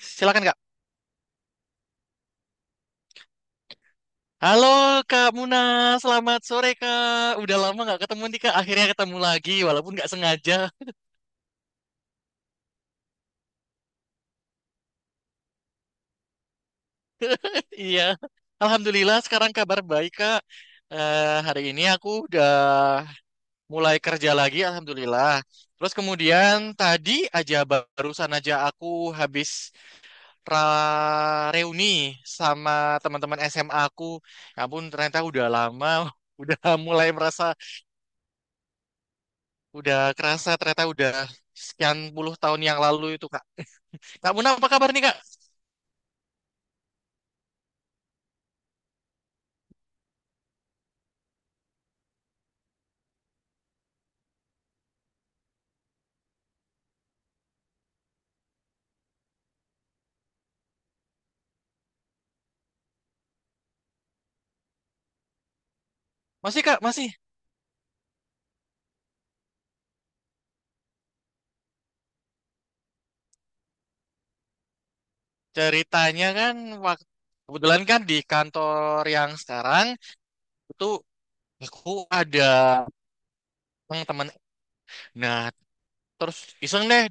Silakan Kak. Halo Kak Muna, selamat sore Kak. Udah lama nggak ketemu nih Kak. Akhirnya ketemu lagi, walaupun nggak sengaja. Iya. Alhamdulillah sekarang kabar baik Kak. Hari ini aku udah mulai kerja lagi, Alhamdulillah. Terus kemudian tadi aja barusan aja aku habis reuni sama teman-teman SMA aku. Ya ampun, ternyata udah lama, udah mulai merasa. Udah kerasa ternyata udah sekian puluh tahun yang lalu itu, Kak. Kak Muna, apa kabar nih, Kak? Masih, Kak? Masih? Ceritanya kan, waktu, kebetulan kan di kantor yang sekarang, itu aku ada teman-teman. Nah, terus iseng deh,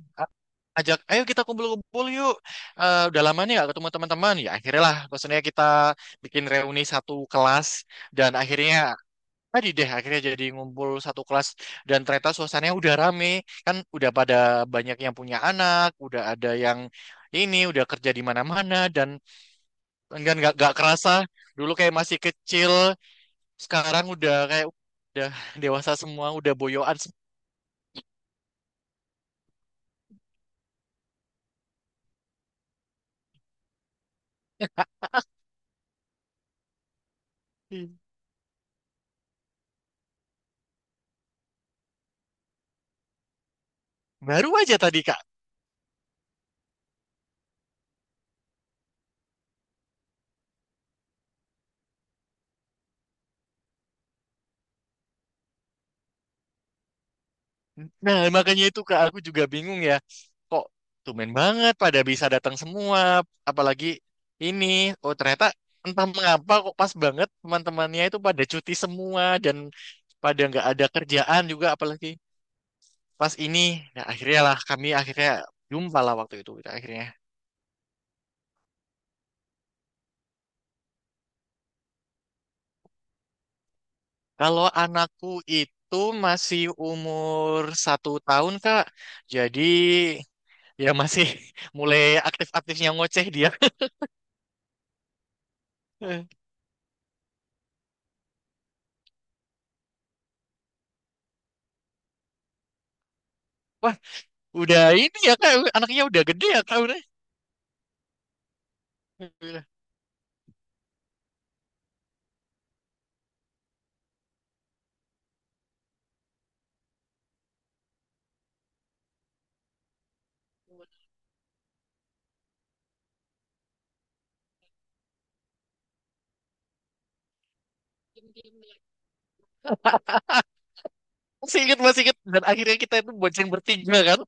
ajak, ayo kita kumpul-kumpul yuk. Eh, udah lama nih gak ketemu teman-teman. Ya akhirnya lah, maksudnya kita bikin reuni satu kelas. Dan akhirnya tadi deh akhirnya jadi ngumpul satu kelas dan ternyata suasananya udah rame, kan udah pada banyak yang punya anak, udah ada yang ini udah kerja di mana-mana dan enggak nggak kerasa. Dulu kayak masih kecil, sekarang udah kayak udah dewasa semua, udah boyoan. Baru aja tadi kak. Nah makanya itu kak, aku juga bingung ya, kok tumben banget pada bisa datang semua, apalagi ini. Oh ternyata entah mengapa kok pas banget teman-temannya itu pada cuti semua dan pada nggak ada kerjaan juga, apalagi pas ini. Nah akhirnya lah kami akhirnya jumpa lah, waktu itu kita akhirnya. Kalau anakku itu masih umur satu tahun kak, jadi ya masih mulai aktif-aktifnya ngoceh dia. Wah, udah ini ya kak, anaknya udah gede ya kak. Udah. Masih ingat, masih ingat. Dan akhirnya kita itu bonceng bertiga kan.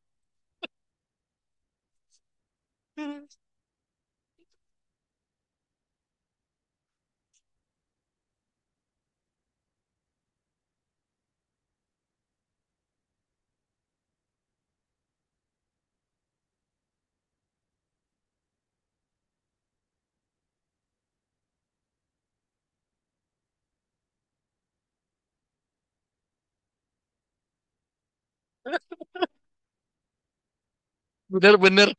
Bener-bener.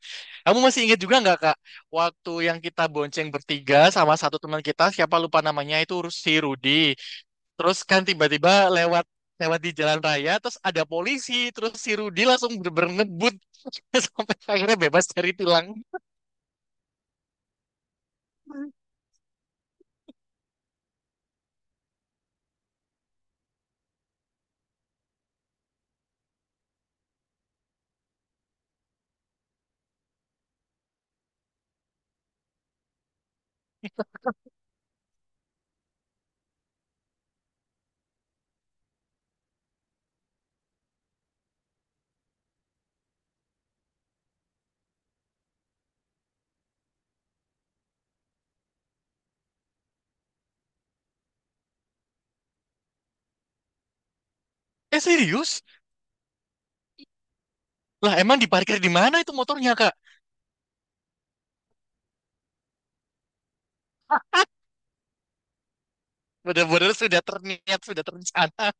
Kamu masih ingat juga nggak Kak? Waktu yang kita bonceng bertiga sama satu teman kita, siapa lupa namanya itu, si Rudi. Terus kan tiba-tiba lewat lewat di jalan raya, terus ada polisi, terus si Rudi langsung bener ngebut sampai akhirnya bebas dari tilang. Eh serius? Lah emang diparkir di mana itu motornya Kak? Bener-bener sudah terniat, sudah terencana.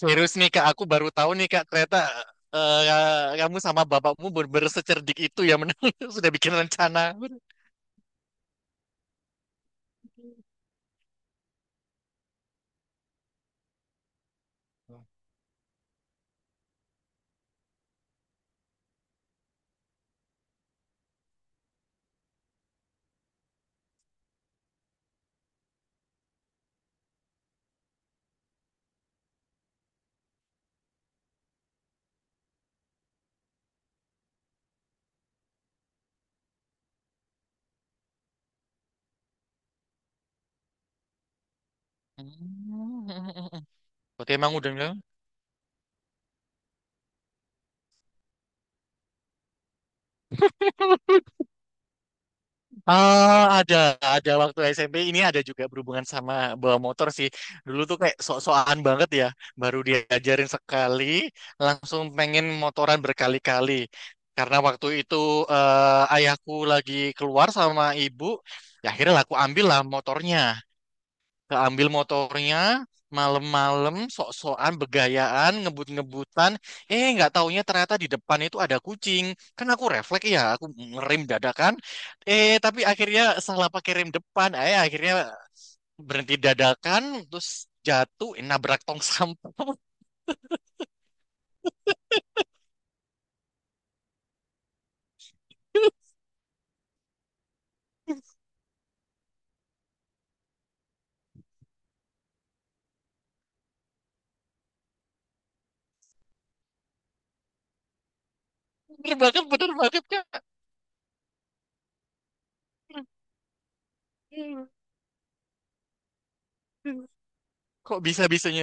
Serius nih Kak, aku baru tahu nih Kak, ternyata eh, kamu sama bapakmu bener secerdik itu ya, men. Sudah bikin rencana. Oke, emang udah bilang. Ah, ada waktu SMP ini ada juga berhubungan sama bawa motor sih. Dulu tuh kayak sok-sokan banget ya, baru diajarin sekali, langsung pengen motoran berkali-kali. Karena waktu itu ayahku lagi keluar sama ibu, ya akhirnya lah aku ambil lah motornya. Keambil motornya malam-malam, sok-sokan begayaan ngebut-ngebutan. Eh nggak taunya ternyata di depan itu ada kucing, kan aku refleks ya, aku ngerem dadakan. Eh tapi akhirnya salah pakai rem depan, eh akhirnya berhenti dadakan, terus jatuh, eh, nabrak tong sampah. Bener banget, bener banget kak. Kok bisa-bisanya.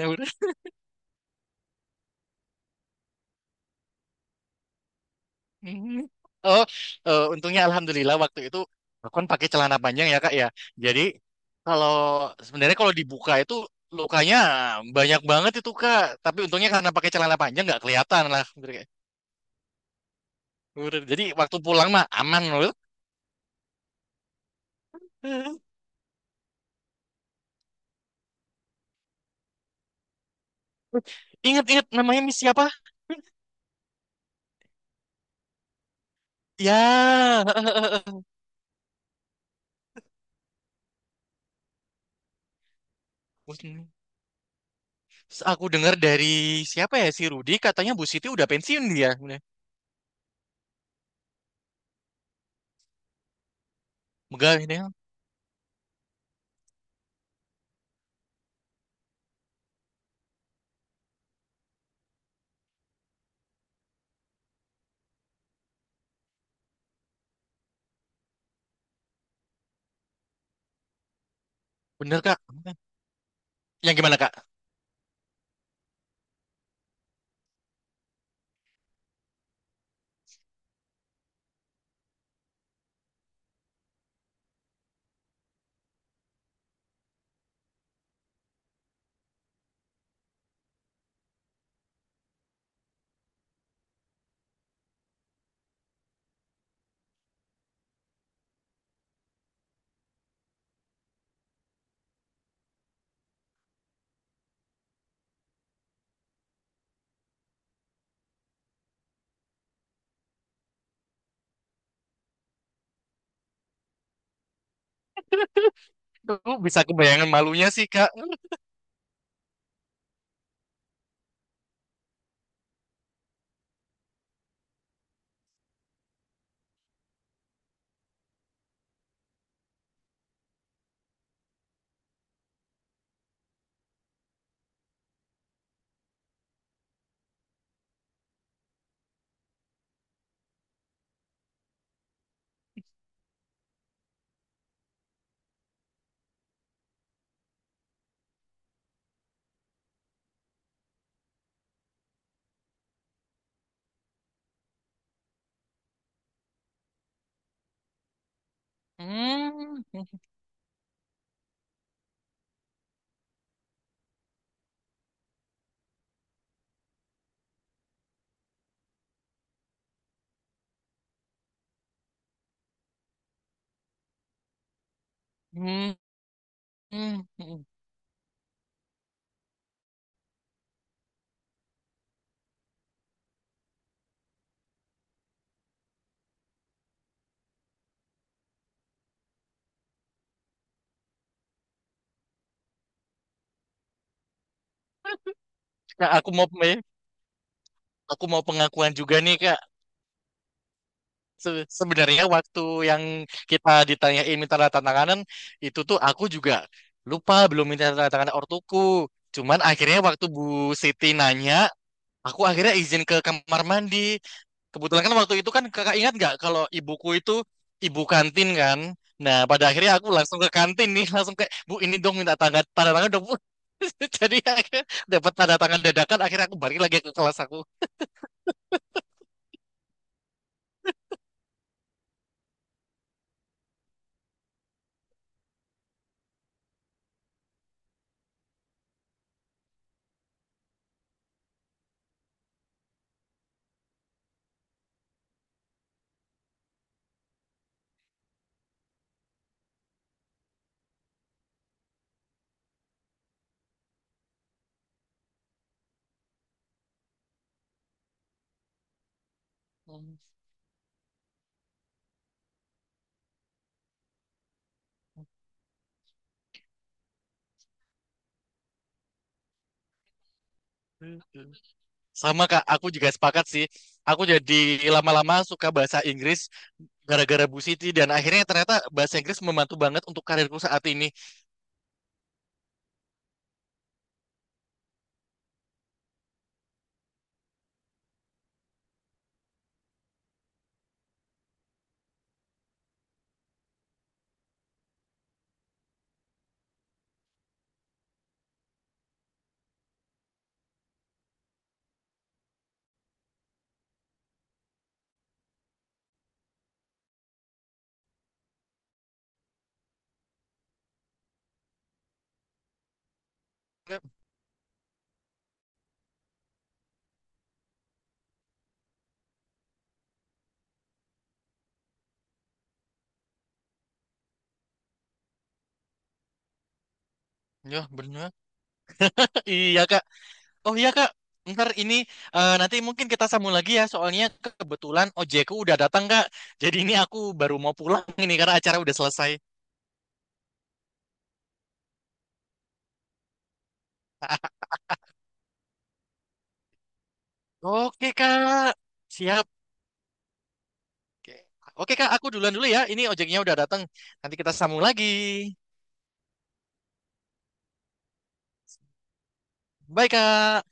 Hmm. Oh, untungnya alhamdulillah waktu itu aku kan pakai celana panjang ya Kak ya. Jadi kalau sebenarnya kalau dibuka itu lukanya banyak banget itu Kak. Tapi untungnya karena pakai celana panjang nggak kelihatan lah. Jadi waktu pulang mah aman loh. Ingat-ingat, namanya Miss siapa? Ya, aku dengar dari siapa ya, si Rudi katanya Bu Siti udah pensiun dia. Bener. Megah ini. Bener Kak. Yang gimana Kak? Tuh, bisa kebayangan malunya sih Kak. Hmm. Hmm, hmm, hmm. Nah, aku mau aku mau pengakuan juga nih Kak. Sebenarnya waktu yang kita ditanyain minta tanda tanganan, itu tuh aku juga lupa belum minta tanda tangan ortuku. Cuman akhirnya waktu Bu Siti nanya, aku akhirnya izin ke kamar mandi. Kebetulan kan waktu itu kan kakak ingat nggak kalau ibuku itu ibu kantin kan. Nah pada akhirnya aku langsung ke kantin nih, langsung kayak, bu ini dong minta tanda tanda tangan dong bu. Jadi akhirnya dapat tanda tangan dadakan, akhirnya aku balik lagi ke kelas aku. Sama kak, aku juga sepakat sih. Aku jadi lama-lama suka bahasa Inggris gara-gara Bu Siti dan akhirnya ternyata bahasa Inggris membantu banget untuk karirku saat ini. Ya, benar. Iya kak. Oh iya Kak, ntar ini nanti mungkin kita sambung lagi ya, soalnya kebetulan ojekku udah datang Kak. Jadi ini aku baru mau pulang ini karena acara udah selesai. Oke Kak, siap. Oke, Oke Kak, aku duluan dulu ya. Ini ojeknya udah datang. Nanti kita sambung lagi. Bye Kak.